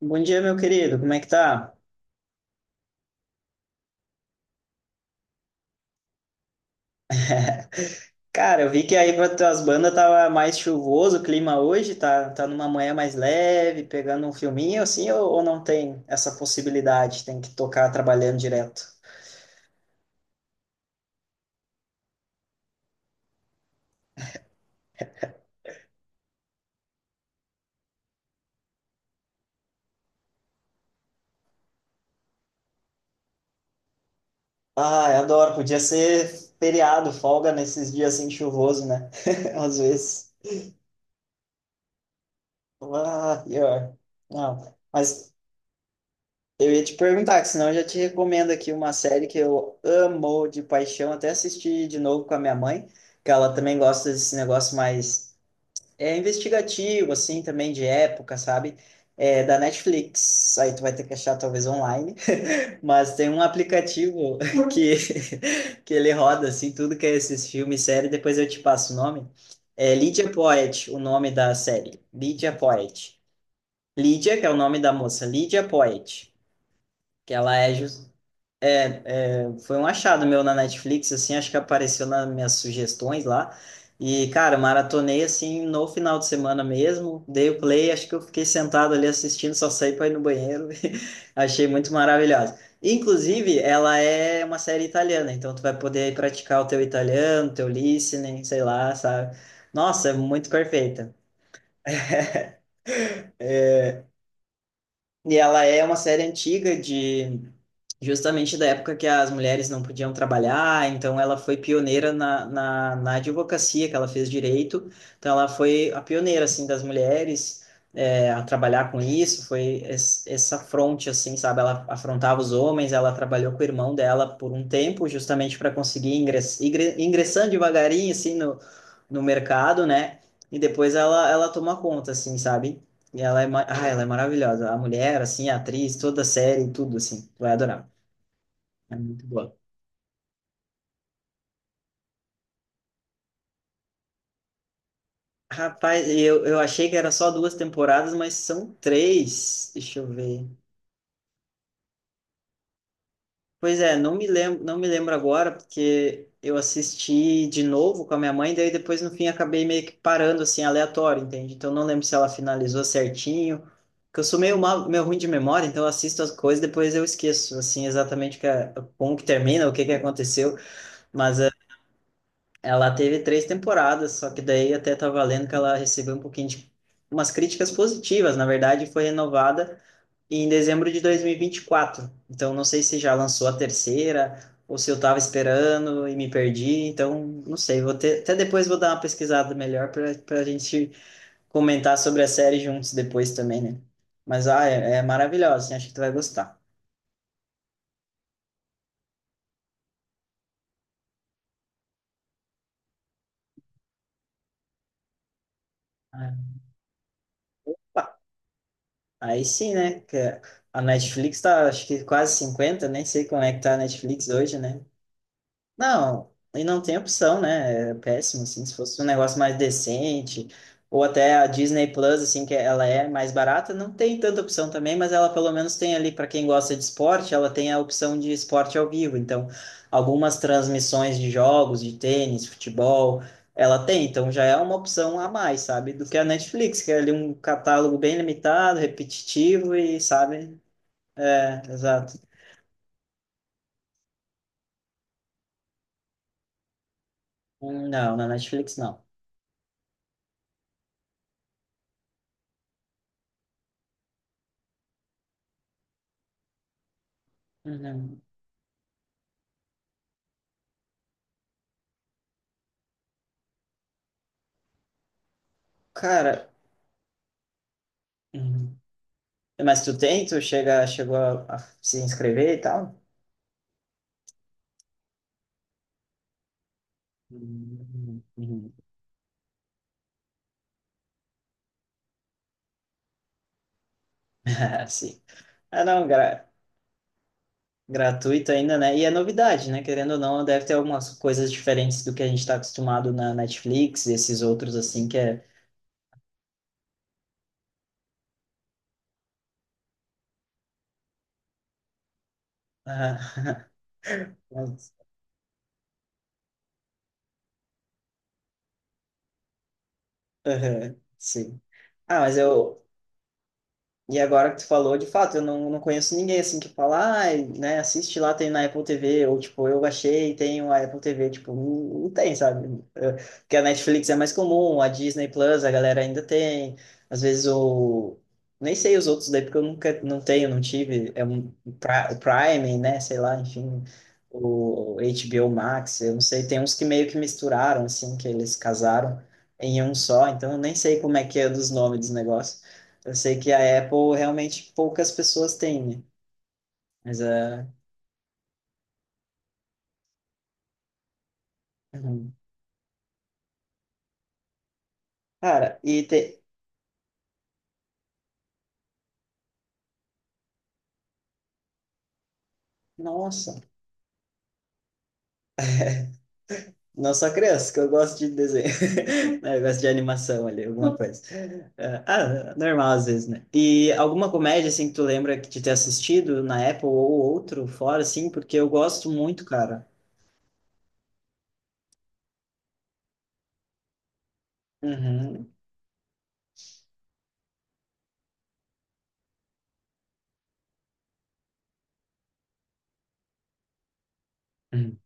Bom dia, meu querido. Como é que tá? Cara, eu vi que aí para tuas bandas tava mais chuvoso o clima hoje, tá numa manhã mais leve, pegando um filminho assim, ou não tem essa possibilidade? Tem que tocar trabalhando direto. Ah, eu adoro. Podia ser feriado, folga nesses dias assim chuvoso, né? Às vezes. Ah, pior. Não, mas eu ia te perguntar, que senão eu já te recomendo aqui uma série que eu amo de paixão, até assisti de novo com a minha mãe, que ela também gosta desse negócio mais é investigativo, assim, também de época, sabe? É da Netflix. Aí tu vai ter que achar talvez online, mas tem um aplicativo que que ele roda assim tudo que é esses filmes, série, depois eu te passo o nome. É Lydia Poet, o nome da série. Lydia Poet. Lydia, que é o nome da moça, Lydia Poet, que ela é jus- é, foi um achado meu na Netflix, assim, acho que apareceu nas minhas sugestões lá. E, cara, maratonei assim no final de semana mesmo, dei o play, acho que eu fiquei sentado ali assistindo, só saí para ir no banheiro. Achei muito maravilhoso. Inclusive, ela é uma série italiana, então tu vai poder aí praticar o teu italiano, teu listening, sei lá, sabe? Nossa, é muito perfeita. E ela é uma série antiga de justamente da época que as mulheres não podiam trabalhar, então ela foi pioneira na advocacia, que ela fez direito, então ela foi a pioneira, assim, das mulheres é, a trabalhar com isso, foi essa fronte, assim, sabe, ela afrontava os homens, ela trabalhou com o irmão dela por um tempo, justamente para conseguir ingressando devagarinho, assim, no mercado, né, e depois ela toma conta, assim, sabe, e ela é maravilhosa, a mulher, assim, a atriz, toda a série, tudo, assim, vai adorar. É muito boa. Rapaz, eu achei que era só duas temporadas, mas são três. Deixa eu ver. Pois é, não me lembro, não me lembro agora, porque eu assisti de novo com a minha mãe, daí depois no fim acabei meio que parando assim, aleatório, entende? Então não lembro se ela finalizou certinho. Porque eu sou meio, mal, meio ruim de memória, então eu assisto as coisas, e depois eu esqueço, assim, exatamente como que termina, o que que aconteceu. Mas ela teve três temporadas, só que daí até tava lendo que ela recebeu um pouquinho de umas críticas positivas. Na verdade, foi renovada em dezembro de 2024. Então, não sei se já lançou a terceira ou se eu tava esperando e me perdi. Então, não sei. Vou ter, até depois vou dar uma pesquisada melhor para a gente comentar sobre a série juntos depois também, né? Mas ah, é, é maravilhosa. Assim, acho que tu vai gostar. É. Aí sim, né? Que a Netflix tá, acho que quase 50, nem sei como é que tá a Netflix hoje, né? Não, e não tem opção, né? É péssimo, assim, se fosse um negócio mais decente, ou até a Disney Plus, assim, que ela é mais barata, não tem tanta opção também, mas ela pelo menos tem ali, para quem gosta de esporte, ela tem a opção de esporte ao vivo. Então, algumas transmissões de jogos, de tênis, futebol, ela tem, então já é uma opção a mais, sabe? Do que a Netflix, que é ali um catálogo bem limitado, repetitivo e, sabe? É, exato. Não, na Netflix não. Não. Cara. Hum. Mas tu tem? Chegou a se inscrever e tal? Hum, hum. Ah, sim. Ah, não, gratuito ainda, né? E é novidade, né? Querendo ou não, deve ter algumas coisas diferentes do que a gente está acostumado na Netflix e esses outros, assim, que é... Ah, mas... Aham, sim. Ah, mas eu, e agora que tu falou, de fato, eu não, não conheço ninguém assim que fala, ah, né, assiste lá, tem na Apple TV, ou tipo, eu baixei, tenho a Apple TV, tipo, não, não tem, sabe? Eh, porque a Netflix é mais comum, a Disney Plus a galera ainda tem, às vezes o. Nem sei os outros daí, porque eu nunca, não tenho, não tive, é um o Prime, né, sei lá, enfim, o HBO Max, eu não sei, tem uns que meio que misturaram, assim, que eles casaram em um só, então eu nem sei como é que é dos nomes dos negócios. Eu sei que a Apple realmente poucas pessoas têm, né? Mas é. Uhum. Cara, e tem. Nossa, não só criança, que eu gosto de desenho. Né, eu gosto de animação ali, alguma coisa. É, ah, normal às vezes, né? E alguma comédia, assim, que tu lembra de ter assistido na Apple ou outro, fora, assim, porque eu gosto muito, cara. Uhum. Uhum.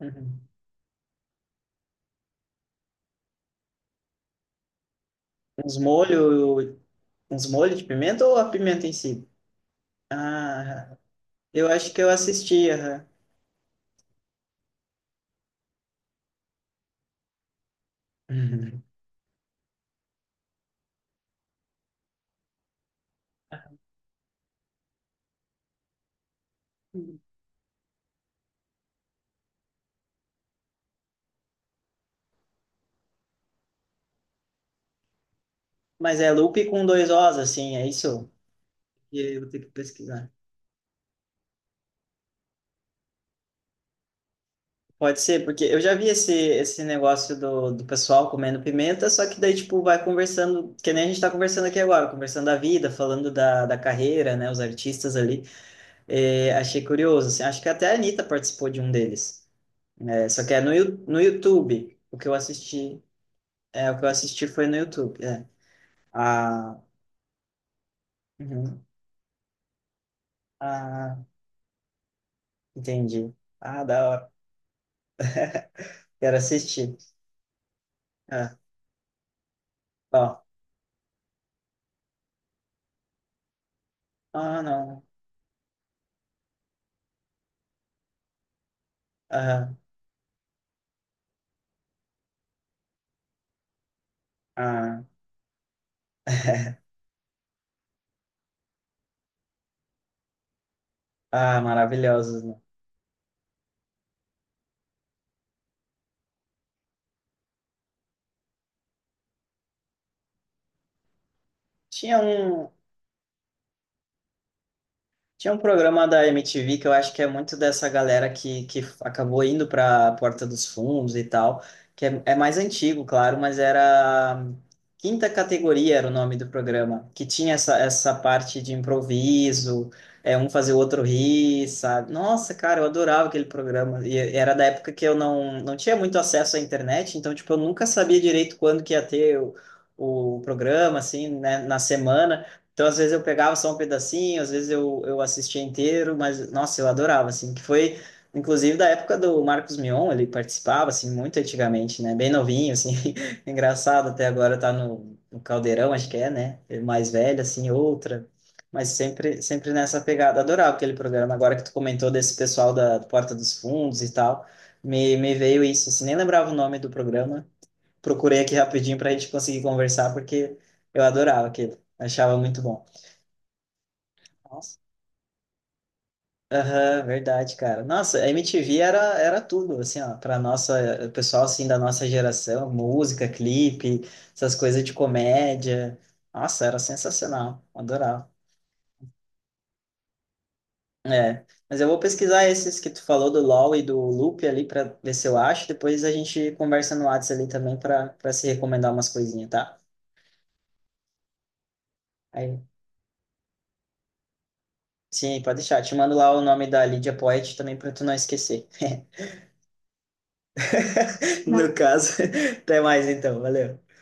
Uhum. Uns molhos. Uns molhos de pimenta ou a pimenta em si? Ah, eu acho que eu assisti, aham. Uhum. Mas é loop com dois Os, assim, é isso? E eu vou ter que pesquisar. Pode ser, porque eu já vi esse, esse negócio do pessoal comendo pimenta, só que daí, tipo, vai conversando, que nem a gente tá conversando aqui agora, conversando da vida, falando da carreira, né, os artistas ali. É, achei curioso, assim, acho que até a Anitta participou de um deles. É, só que é no, no YouTube, o que eu assisti, é, o que eu assisti foi no YouTube, é. Ah, uhum, ah, entendi. Ah, da hora. Quero assistir. Ah, ó. Ah, não. Ah, ah. Ah, maravilhosos, né? Tinha um, tinha um programa da MTV que eu acho que é muito dessa galera que acabou indo para a Porta dos Fundos e tal, que é, é mais antigo, claro, mas era Quinta Categoria era o nome do programa, que tinha essa parte de improviso, é um fazer o outro rir, sabe? Nossa, cara, eu adorava aquele programa. E era da época que eu não, não tinha muito acesso à internet, então, tipo, eu nunca sabia direito quando que ia ter o programa, assim, né, na semana. Então, às vezes eu pegava só um pedacinho, às vezes eu assistia inteiro, mas, nossa, eu adorava, assim, que foi, inclusive, da época do Marcos Mion, ele participava, assim, muito antigamente, né? Bem novinho, assim, engraçado, até agora tá no Caldeirão, acho que é, né? Ele mais velho, assim, outra, mas sempre, sempre nessa pegada. Adorava aquele programa, agora que tu comentou desse pessoal da Porta dos Fundos e tal, me veio isso, assim, nem lembrava o nome do programa, procurei aqui rapidinho pra gente conseguir conversar, porque eu adorava aquele, achava muito bom. Nossa. Aham, verdade, cara. Nossa, a MTV era tudo, assim, ó, pra nossa, o pessoal, assim, da nossa geração, música, clipe, essas coisas de comédia. Nossa, era sensacional, adorava. É, mas eu vou pesquisar esses que tu falou do LoL e do Loop ali pra ver se eu acho, depois a gente conversa no WhatsApp ali também pra se recomendar umas coisinhas, tá? Aí, sim, pode deixar, te mando lá o nome da Lydia Poet também pra tu não esquecer. No caso, até mais então, valeu.